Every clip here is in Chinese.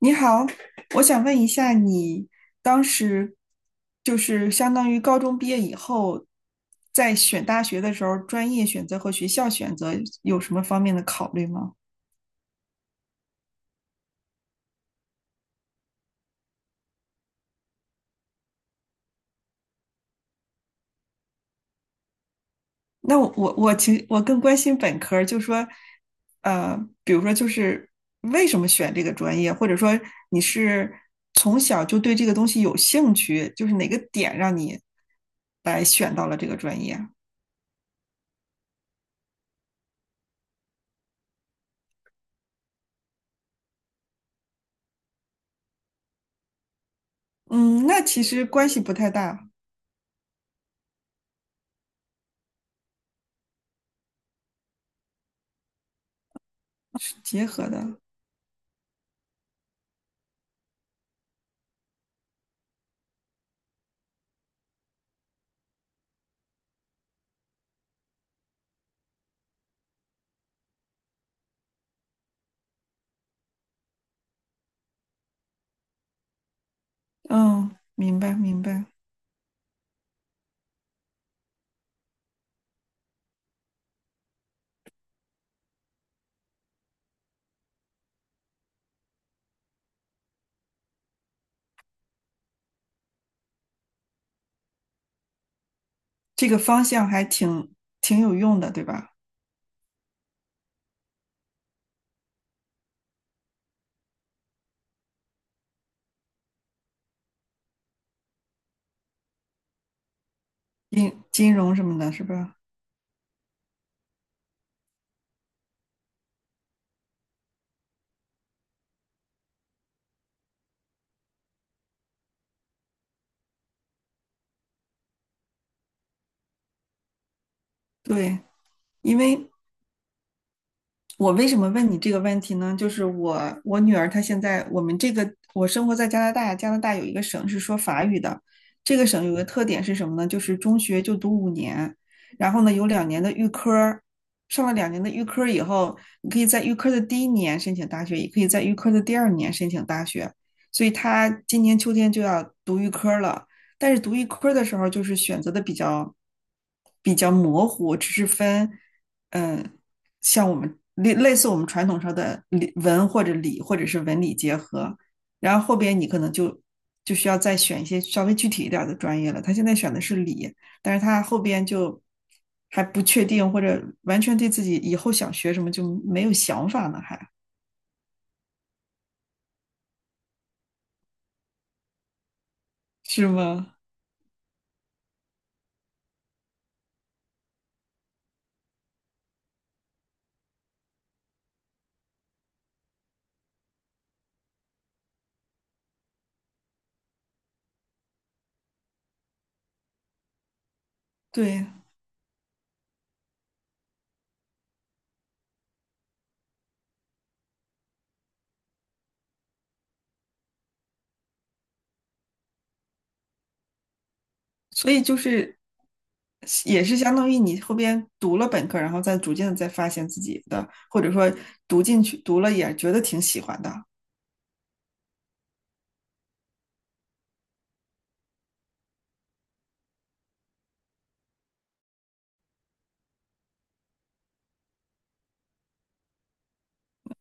你好，我想问一下，你当时就是相当于高中毕业以后，在选大学的时候，专业选择和学校选择有什么方面的考虑吗？那我其实我更关心本科儿，就说，呃，比如说就是为什么选这个专业，或者说你是从小就对这个东西有兴趣，就是哪个点让你来选到了这个专业？嗯，那其实关系不太大，是结合的。嗯，明白明白，这个方向还挺有用的，对吧？金融什么的，是吧？对，因为我为什么问你这个问题呢？就是我女儿她现在我们这个我生活在加拿大，加拿大有一个省是说法语的，这个省有个特点是什么呢？就是中学就读5年，然后呢有两年的预科，上了两年的预科以后，你可以在预科的第1年申请大学，也可以在预科的第2年申请大学，所以她今年秋天就要读预科了。但是读预科的时候，就是选择的比较模糊，只是分，嗯，像我们类似我们传统上的理文或者理或者是文理结合，然后后边你可能就需要再选一些稍微具体一点的专业了。他现在选的是理，但是他后边就还不确定，或者完全对自己以后想学什么就没有想法呢，还是吗？对，所以就是也是相当于你后边读了本科，然后再逐渐的再发现自己的，或者说读进去读了也觉得挺喜欢的。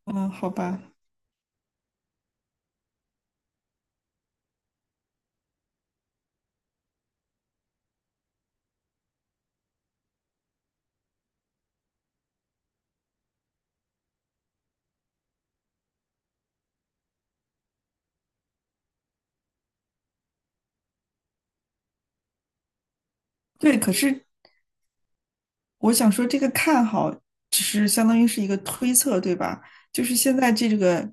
嗯，好吧，对，可是我想说，这个看好只是相当于是一个推测，对吧？就是现在这个，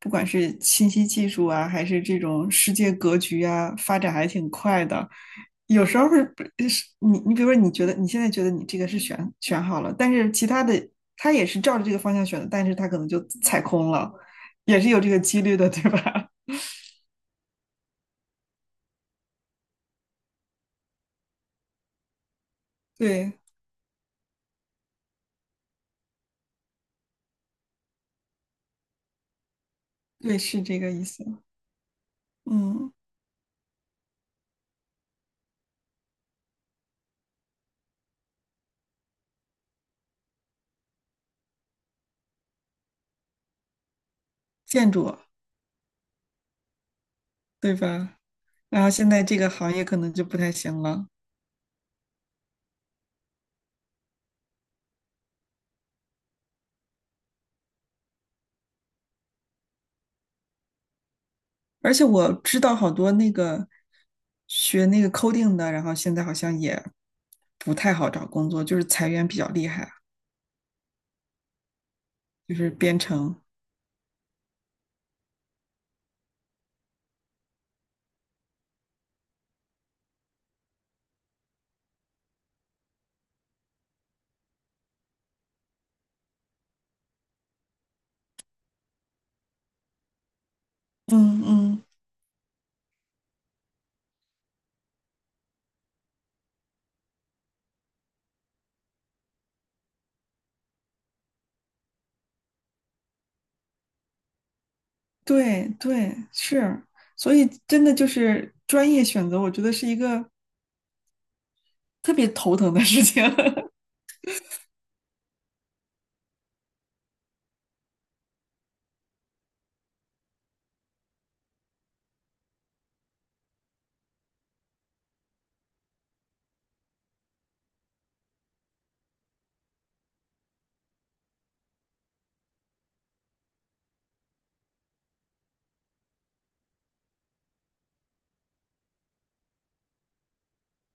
不管是信息技术啊，还是这种世界格局啊，发展还挺快的。有时候是你，比如说，你觉得你现在觉得你这个是选好了，但是其他的他也是照着这个方向选的，但是他可能就踩空了，也是有这个几率的，对吧？对对，是这个意思。嗯，建筑，对吧？然后现在这个行业可能就不太行了。而且我知道好多那个学那个 coding 的，然后现在好像也不太好找工作，就是裁员比较厉害啊，就是编程。嗯嗯，对对，是，所以真的就是专业选择，我觉得是一个特别头疼的事情。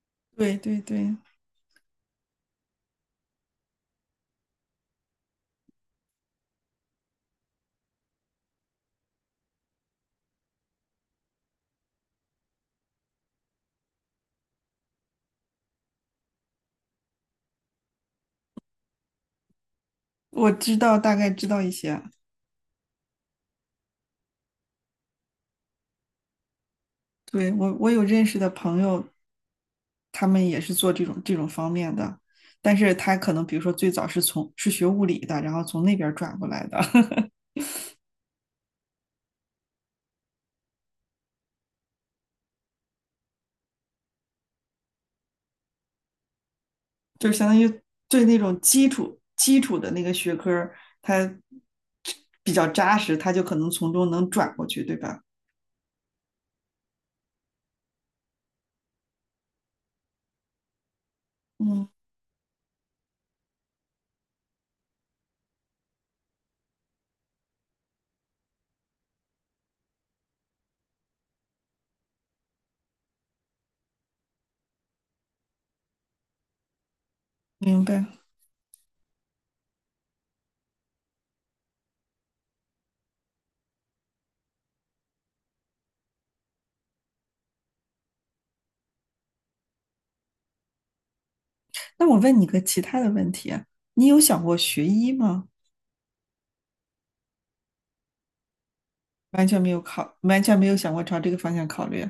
对对对，我知道，大概知道一些。对，我我有认识的朋友，他们也是做这种方面的，但是他可能比如说最早是从是学物理的，然后从那边儿转过来的，就是相当于对那种基础的那个学科儿他比较扎实，他就可能从中能转过去，对吧？嗯，明白。那我问你个其他的问题啊，你有想过学医吗？完全没有考，完全没有想过朝这个方向考虑。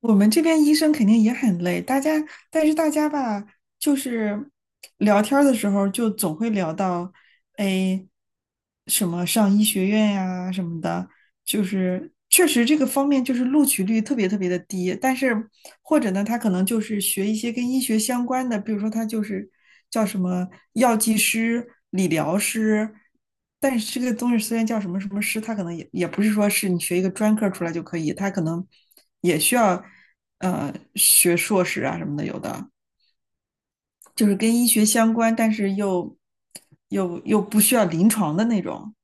我们这边医生肯定也很累，大家，但是大家吧，就是聊天儿的时候就总会聊到，哎，什么上医学院呀、什么的，就是确实这个方面就是录取率特别特别的低，但是或者呢，他可能就是学一些跟医学相关的，比如说他就是叫什么药剂师、理疗师，但是这个东西虽然叫什么什么师，他可能也不是说是你学一个专科出来就可以，他可能也需要学硕士啊什么的，有的就是跟医学相关，但是又不需要临床的那种。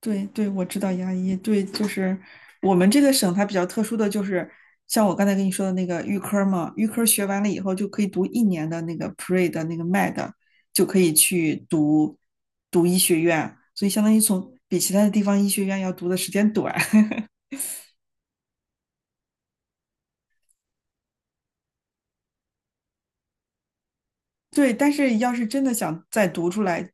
对对，我知道牙医，对，就是我们这个省它比较特殊的就是，像我刚才跟你说的那个预科嘛，预科学完了以后就可以读一年的那个 pre 的那个 med，就可以去读医学院，所以相当于从比其他的地方医学院要读的时间短。对，但是要是真的想再读出来，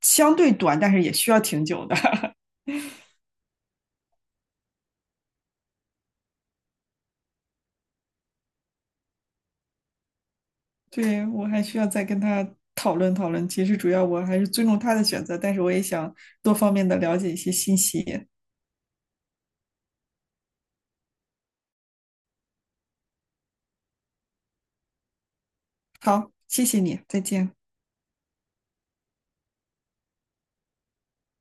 相对短，但是也需要挺久的。对，我还需要再跟他讨论讨论。其实主要我还是尊重他的选择，但是我也想多方面的了解一些信息。好，谢谢你，再见。